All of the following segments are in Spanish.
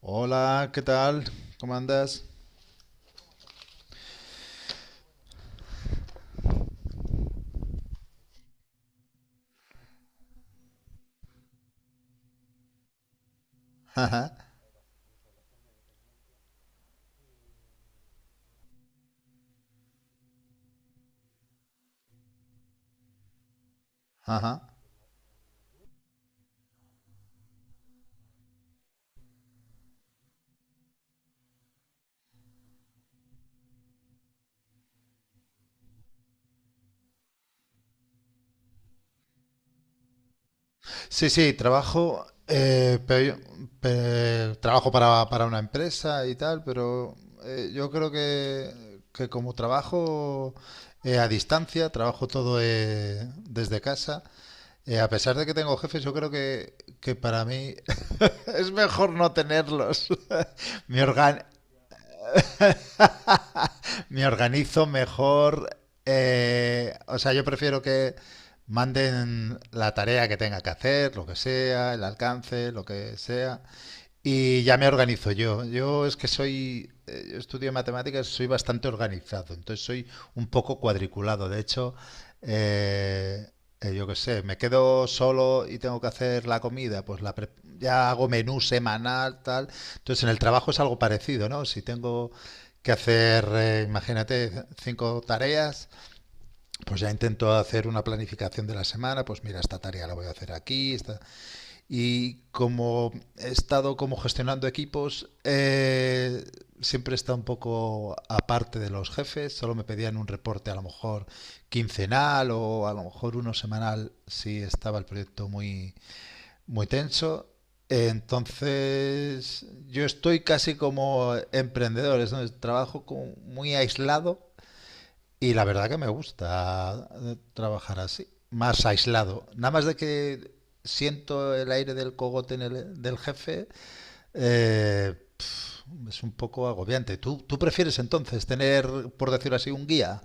Hola, ¿qué tal? ¿Cómo andas? Ajá, ajá. Sí, sí, trabajo, trabajo para una empresa y tal, pero yo creo que como trabajo a distancia, trabajo todo desde casa, a pesar de que tengo jefes, yo creo que para mí es mejor no tenerlos. Mi organ- Me organizo mejor. O sea, yo prefiero que manden la tarea que tenga que hacer, lo que sea, el alcance, lo que sea. Y ya me organizo yo. Yo es que soy, yo estudio matemáticas, soy bastante organizado, entonces soy un poco cuadriculado. De hecho, eh, yo qué sé, me quedo solo y tengo que hacer la comida, pues ya hago menú semanal, tal. Entonces en el trabajo es algo parecido, ¿no? Si tengo que hacer, imagínate, cinco tareas, pues ya intento hacer una planificación de la semana, pues mira, esta tarea la voy a hacer aquí, esta... Y como he estado como gestionando equipos, siempre está un poco aparte de los jefes, solo me pedían un reporte a lo mejor quincenal o a lo mejor uno semanal si estaba el proyecto muy, muy tenso. Entonces, yo estoy casi como emprendedor, es donde trabajo como muy aislado y la verdad que me gusta trabajar así, más aislado. Nada más de que siento el aire del cogote en del jefe, eh, es un poco agobiante. ¿Tú prefieres entonces tener, por decirlo así, un guía?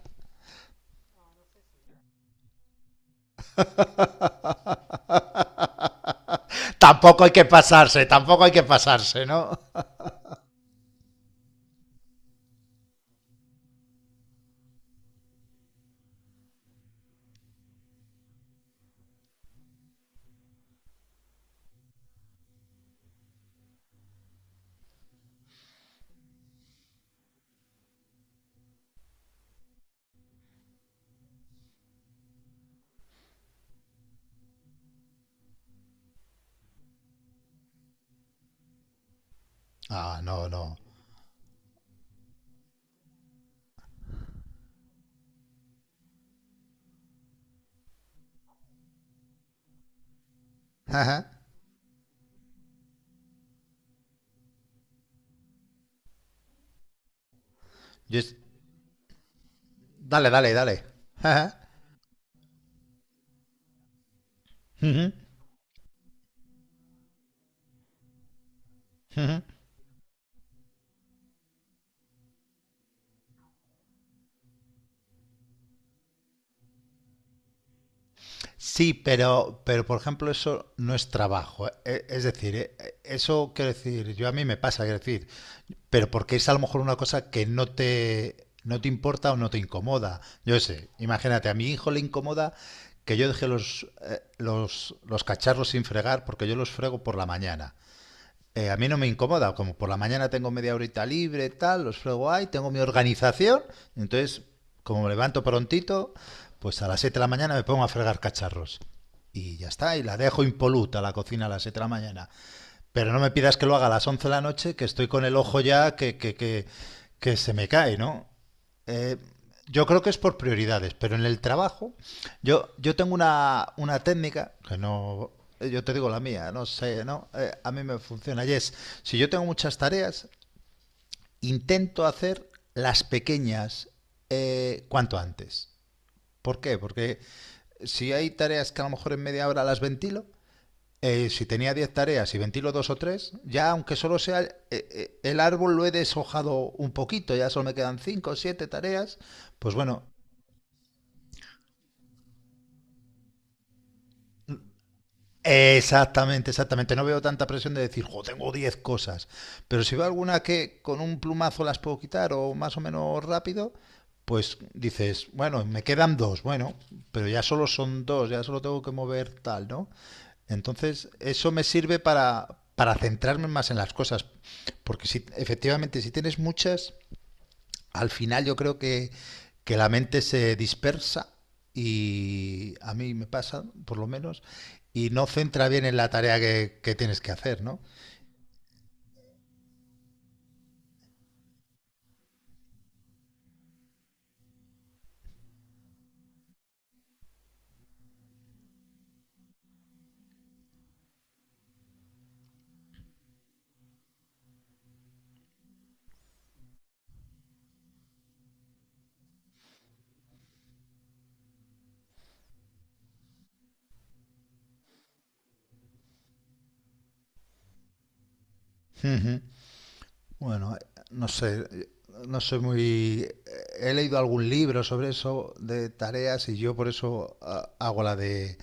Tampoco hay que pasarse, tampoco hay que pasarse, ¿no? Ah, no, no. Ajá. Yo es- Dale, dale, dale. Ajá. Ujú, ujú. Sí, pero por ejemplo, eso no es trabajo. Es decir, eso quiero decir, yo a mí me pasa, quiero decir, pero porque es a lo mejor una cosa que no te importa o no te incomoda. Yo sé, imagínate, a mi hijo le incomoda que yo deje los, los cacharros sin fregar porque yo los frego por la mañana. A mí no me incomoda, como por la mañana tengo media horita libre, tal, los frego ahí, tengo mi organización, entonces como me levanto prontito, pues a las 7 de la mañana me pongo a fregar cacharros. Y ya está, y la dejo impoluta la cocina a las 7 de la mañana. Pero no me pidas que lo haga a las 11 de la noche, que estoy con el ojo ya que se me cae, ¿no? Eh, yo creo que es por prioridades, pero en el trabajo, yo tengo una técnica que no. Yo te digo la mía, no sé, ¿no? A mí me funciona. Y es, si yo tengo muchas tareas, intento hacer las pequeñas cuanto antes. ¿Por qué? Porque si hay tareas que a lo mejor en media hora las ventilo, si tenía 10 tareas y ventilo dos o tres, ya aunque solo sea el árbol lo he deshojado un poquito, ya solo me quedan cinco o siete tareas, pues bueno, exactamente, exactamente, no veo tanta presión de decir, jo, tengo 10 cosas, pero si veo alguna que con un plumazo las puedo quitar o más o menos rápido, pues dices, bueno, me quedan dos, bueno, pero ya solo son dos, ya solo tengo que mover tal, ¿no? Entonces, eso me sirve para centrarme más en las cosas. Porque si, efectivamente, si tienes muchas, al final yo creo que la mente se dispersa y a mí me pasa, por lo menos, y no centra bien en la tarea que tienes que hacer, ¿no? Ujú. Bueno, no sé, no soy muy... He leído algún libro sobre eso de tareas y yo por eso hago la de.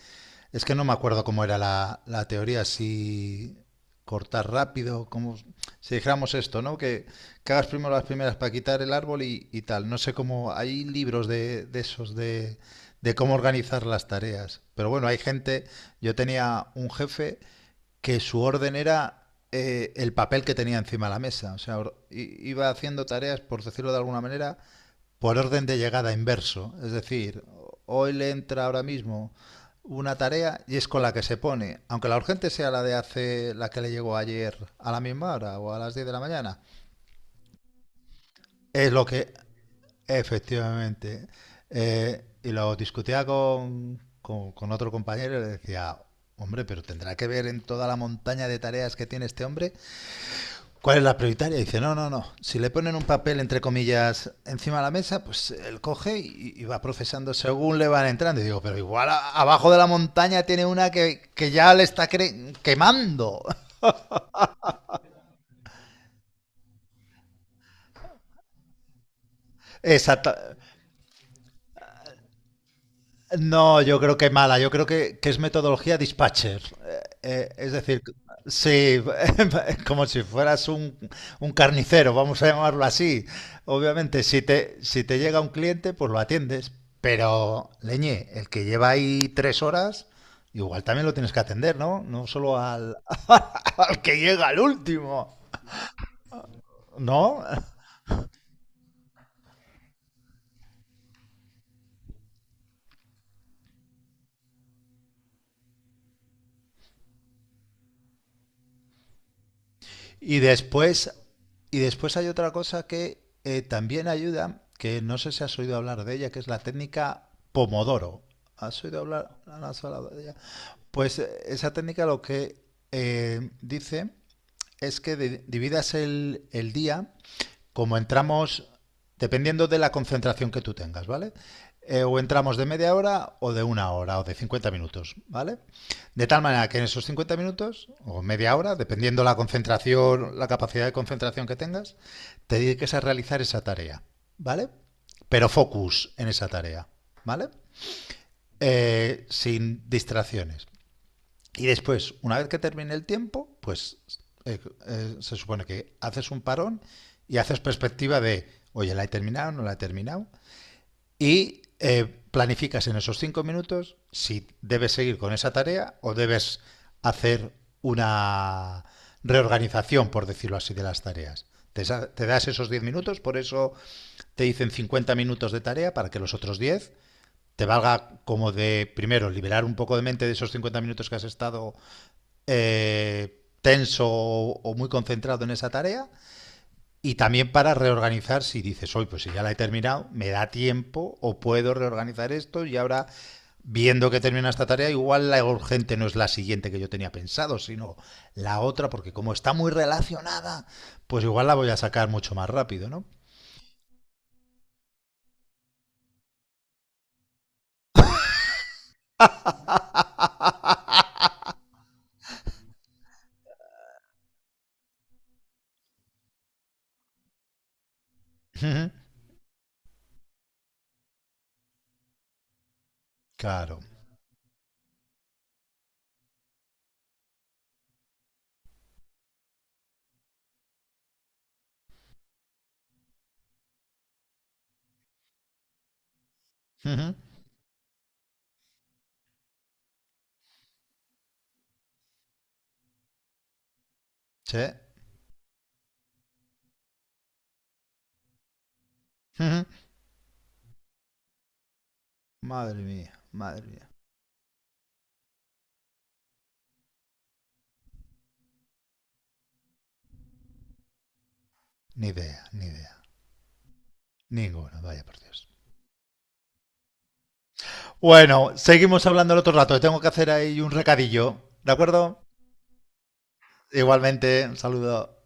Es que no me acuerdo cómo era la teoría, si cortar rápido, como si dijéramos esto, ¿no? Que hagas primero las primeras para quitar el árbol y tal. No sé cómo, hay libros de esos de cómo organizar las tareas. Pero bueno, hay gente, yo tenía un jefe que su orden era el papel que tenía encima de la mesa. O sea, iba haciendo tareas, por decirlo de alguna manera, por orden de llegada inverso. Es decir, hoy le entra ahora mismo una tarea y es con la que se pone, aunque la urgente sea la de hace la que le llegó ayer a la misma hora o a las 10 de la mañana, es lo que efectivamente. Y lo discutía con otro compañero y le decía, hombre, pero tendrá que ver en toda la montaña de tareas que tiene este hombre. ¿Cuál es la prioritaria? Dice, no, no, no. Si le ponen un papel, entre comillas, encima de la mesa, pues él coge y va procesando según le van entrando. Y digo, pero igual abajo de la montaña tiene una que ya le está quemando. Exacto. No, yo creo que mala, yo creo que es metodología dispatcher. Es decir, sí, como si fueras un carnicero, vamos a llamarlo así. Obviamente, si te llega un cliente, pues lo atiendes. Pero, leñe, el que lleva ahí 3 horas, igual también lo tienes que atender, ¿no? No solo al, al que llega al último, ¿no? Y después, y después hay otra cosa que también ayuda, que no sé si has oído hablar de ella, que es la técnica Pomodoro. ¿No has hablado de ella? Pues esa técnica lo que dice es que dividas el día como entramos, dependiendo de la concentración que tú tengas, ¿vale? O entramos de media hora o de una hora o de 50 minutos, ¿vale? De tal manera que en esos 50 minutos o media hora, dependiendo la concentración, la capacidad de concentración que tengas, te dediques a realizar esa tarea, ¿vale? Pero focus en esa tarea, ¿vale? Sin distracciones. Y después, una vez que termine el tiempo, pues eh, se supone que haces un parón y haces perspectiva de, oye, ¿la he terminado? ¿No la he terminado? Y planificas en esos 5 minutos si debes seguir con esa tarea o debes hacer una reorganización, por decirlo así, de las tareas. Te, te das esos 10 minutos, por eso te dicen 50 minutos de tarea para que los otros 10 te valga como de, primero, liberar un poco de mente de esos 50 minutos que has estado tenso o muy concentrado en esa tarea y también para reorganizar, si dices, hoy pues si ya la he terminado, me da tiempo o puedo reorganizar esto y ahora, viendo que termina esta tarea, igual la urgente no es la siguiente que yo tenía pensado, sino la otra, porque como está muy relacionada, pues igual la voy a sacar mucho más rápido, ¿no? Claro. ¿Sí? Madre mía, madre mía. Ni idea, ni idea. Ninguna, vaya por Dios. Bueno, seguimos hablando el otro rato. Tengo que hacer ahí un recadillo, ¿de acuerdo? Igualmente, un saludo.